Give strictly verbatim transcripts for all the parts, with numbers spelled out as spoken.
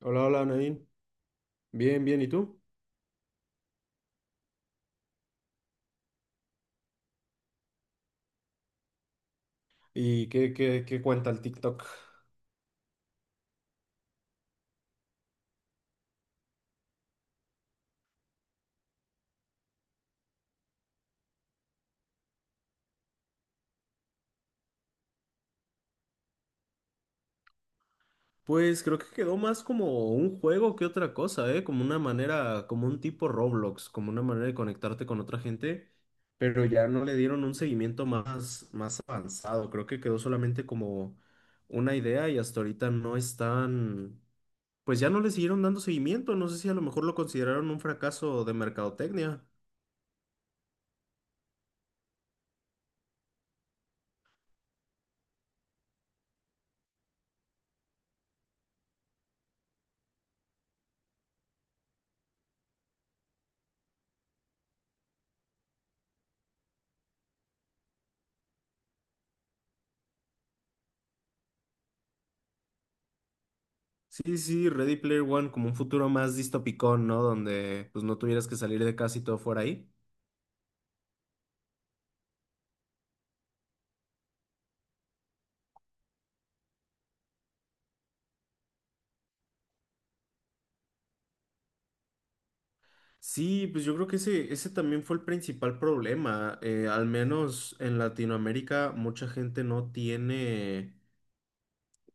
Hola, hola Nadine. Bien, bien, ¿y tú? ¿Y qué, qué, qué cuenta el TikTok? Pues creo que quedó más como un juego que otra cosa, ¿eh? Como una manera, como un tipo Roblox, como una manera de conectarte con otra gente, pero ya no le dieron un seguimiento más, más avanzado. Creo que quedó solamente como una idea y hasta ahorita no están, pues ya no le siguieron dando seguimiento. No sé si a lo mejor lo consideraron un fracaso de mercadotecnia. Sí, sí, Ready Player One como un futuro más distópico, ¿no? Donde pues no tuvieras que salir de casa y todo fuera ahí. Sí, pues yo creo que ese, ese también fue el principal problema. Eh, al menos en Latinoamérica mucha gente no tiene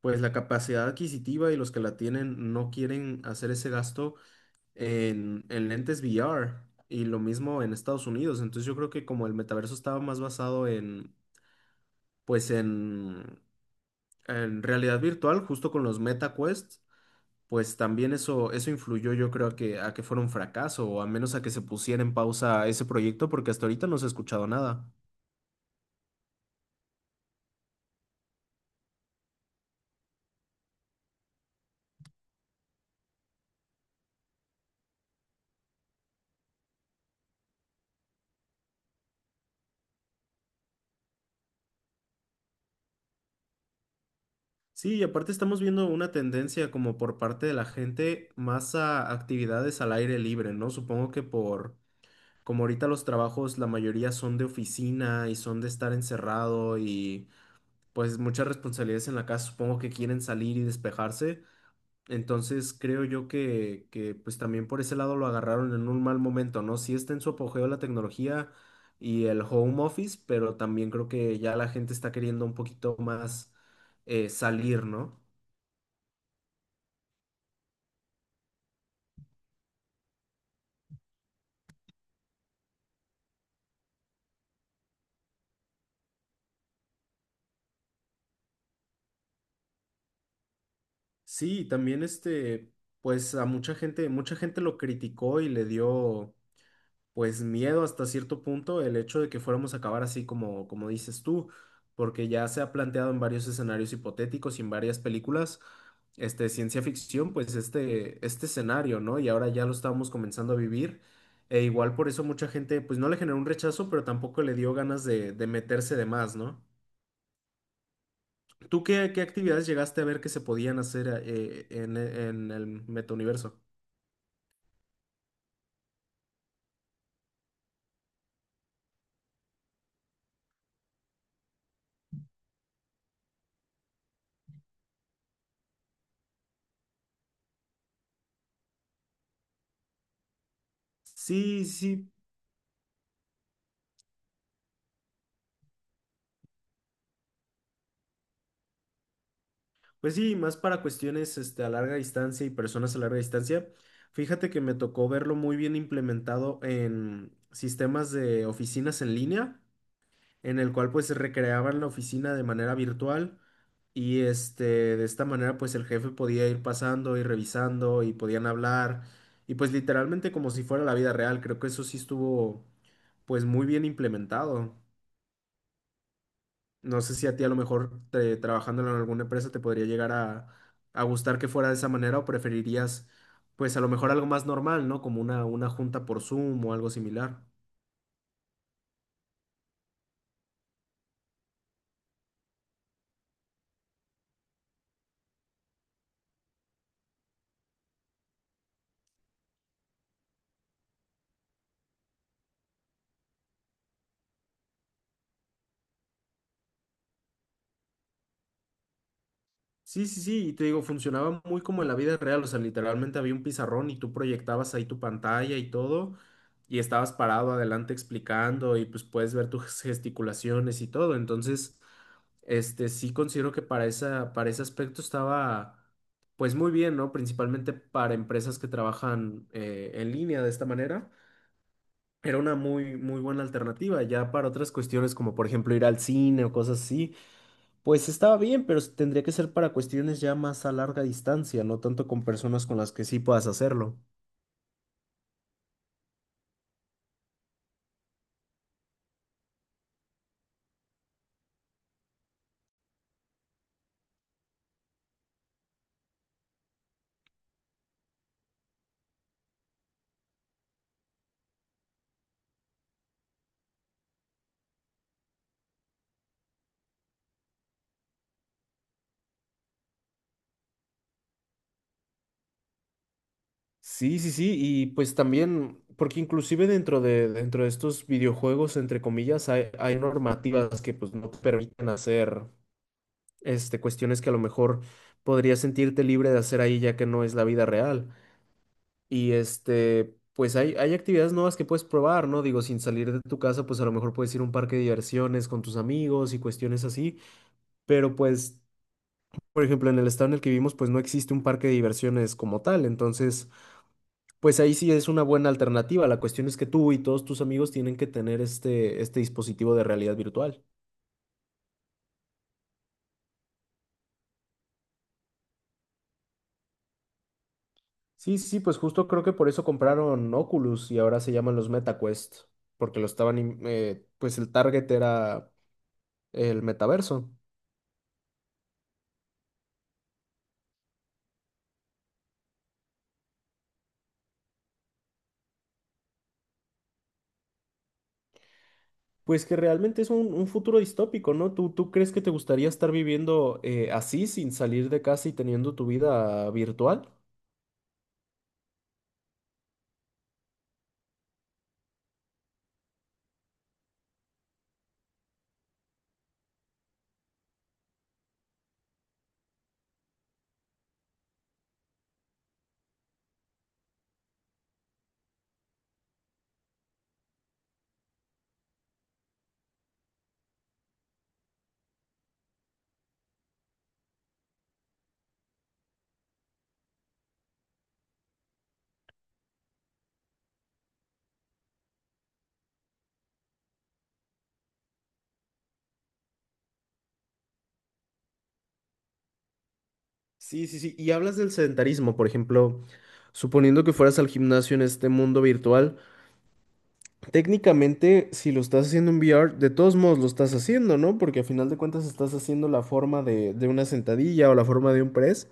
pues la capacidad adquisitiva y los que la tienen no quieren hacer ese gasto en, en lentes V R y lo mismo en Estados Unidos. Entonces yo creo que como el metaverso estaba más basado en pues en en realidad virtual, justo con los Meta Quest. Pues también eso, eso influyó yo creo a que, a que fuera un fracaso o a menos a que se pusiera en pausa ese proyecto porque hasta ahorita no se ha escuchado nada. Sí, y aparte estamos viendo una tendencia como por parte de la gente más a actividades al aire libre, ¿no? Supongo que por, como ahorita los trabajos, la mayoría son de oficina y son de estar encerrado y pues muchas responsabilidades en la casa, supongo que quieren salir y despejarse. Entonces creo yo que, que pues también por ese lado lo agarraron en un mal momento, ¿no? Sí está en su apogeo la tecnología y el home office, pero también creo que ya la gente está queriendo un poquito más eh, salir, ¿no? Sí, también este, pues a mucha gente, mucha gente lo criticó y le dio pues miedo hasta cierto punto el hecho de que fuéramos a acabar así como, como dices tú, porque ya se ha planteado en varios escenarios hipotéticos y en varias películas, este, ciencia ficción, pues este, este escenario, ¿no? Y ahora ya lo estábamos comenzando a vivir. E igual por eso mucha gente, pues no le generó un rechazo, pero tampoco le dio ganas de, de meterse de más, ¿no? ¿Tú qué, qué actividades llegaste a ver que se podían hacer eh, en, en el metauniverso? Sí, sí. Pues sí, más para cuestiones este, a larga distancia y personas a larga distancia. Fíjate que me tocó verlo muy bien implementado en sistemas de oficinas en línea, en el cual pues recreaban la oficina de manera virtual y este, de esta manera pues el jefe podía ir pasando y revisando y podían hablar y pues literalmente como si fuera la vida real. Creo que eso sí estuvo pues muy bien implementado. No sé si a ti a lo mejor te- trabajándolo en alguna empresa te podría llegar a, a gustar que fuera de esa manera o preferirías pues a lo mejor algo más normal, ¿no? Como una, una junta por Zoom o algo similar. Sí, sí, sí, y te digo, funcionaba muy como en la vida real, o sea, literalmente había un pizarrón y tú proyectabas ahí tu pantalla y todo, y estabas parado adelante explicando y pues puedes ver tus gesticulaciones y todo, entonces, este, sí considero que para esa, para ese aspecto estaba, pues muy bien, ¿no? Principalmente para empresas que trabajan eh, en línea de esta manera, era una muy, muy buena alternativa, ya para otras cuestiones como por ejemplo ir al cine o cosas así. Pues estaba bien, pero s- tendría que ser para cuestiones ya más a larga distancia, no tanto con personas con las que sí puedas hacerlo. Sí, sí, sí, y pues también, porque inclusive dentro de, dentro de estos videojuegos, entre comillas, hay, hay normativas que pues no te permiten hacer este, cuestiones que a lo mejor podrías sentirte libre de hacer ahí ya que no es la vida real. Y este, pues hay, hay actividades nuevas que puedes probar, ¿no? Digo, sin salir de tu casa, pues a lo mejor puedes ir a un parque de diversiones con tus amigos y cuestiones así. Pero pues por ejemplo, en el estado en el que vivimos, pues no existe un parque de diversiones como tal. Entonces, pues ahí sí es una buena alternativa. La cuestión es que tú y todos tus amigos tienen que tener este, este dispositivo de realidad virtual. Sí, sí, pues justo creo que por eso compraron Oculus y ahora se llaman los MetaQuest, porque lo estaban, im- eh, pues el target era el metaverso. Pues que realmente es un, un futuro distópico, ¿no? ¿Tú, tú crees que te gustaría estar viviendo eh, así, sin salir de casa y teniendo tu vida virtual? Sí, sí, sí. Y hablas del sedentarismo, por ejemplo, suponiendo que fueras al gimnasio en este mundo virtual, técnicamente si lo estás haciendo en V R, de todos modos lo estás haciendo, ¿no? Porque a final de cuentas estás haciendo la forma de, de una sentadilla o la forma de un press.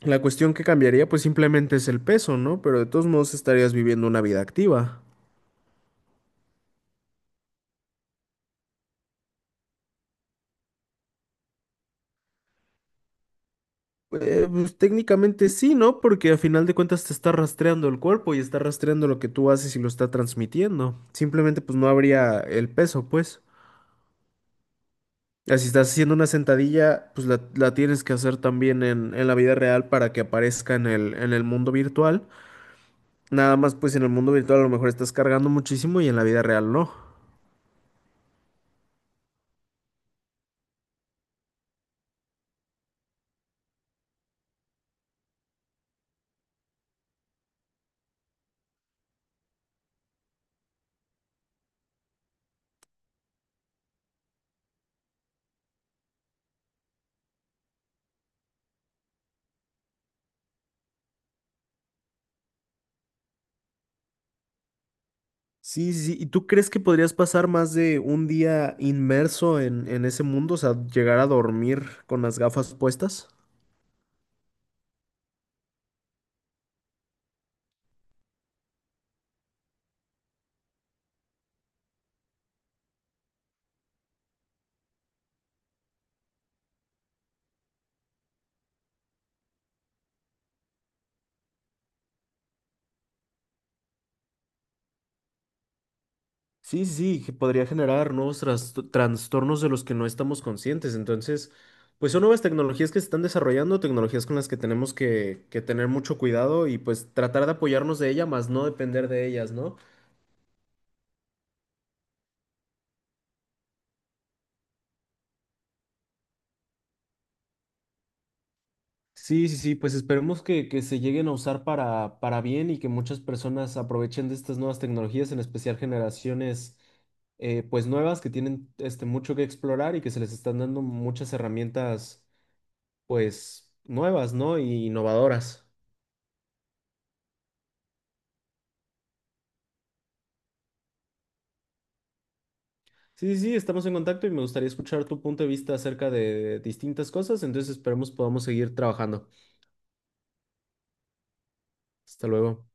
La cuestión que cambiaría pues simplemente es el peso, ¿no? Pero de todos modos estarías viviendo una vida activa. Eh, pues, técnicamente sí, ¿no? Porque a final de cuentas te está rastreando el cuerpo y está rastreando lo que tú haces y lo está transmitiendo. Simplemente pues no habría el peso, pues. Ah, si estás haciendo una sentadilla, pues la, la tienes que hacer también en, en la vida real para que aparezca en el, en el mundo virtual. Nada más, pues en el mundo virtual a lo mejor estás cargando muchísimo y en la vida real no. Sí, sí, sí. ¿Y tú crees que podrías pasar más de un día inmerso en, en ese mundo? O sea, llegar a dormir con las gafas puestas. Sí, sí, sí, que podría generar nuevos tras- trastornos de los que no estamos conscientes. Entonces, pues son nuevas tecnologías que se están desarrollando, tecnologías con las que tenemos que, que tener mucho cuidado y pues tratar de apoyarnos de ellas, más no depender de ellas, ¿no? Sí, sí, sí, pues esperemos que, que se lleguen a usar para, para bien y que muchas personas aprovechen de estas nuevas tecnologías, en especial generaciones eh, pues nuevas que tienen este, mucho que explorar y que se les están dando muchas herramientas pues nuevas, ¿no? Y innovadoras. Sí, sí, sí, estamos en contacto y me gustaría escuchar tu punto de vista acerca de distintas cosas, entonces esperemos podamos seguir trabajando. Hasta luego.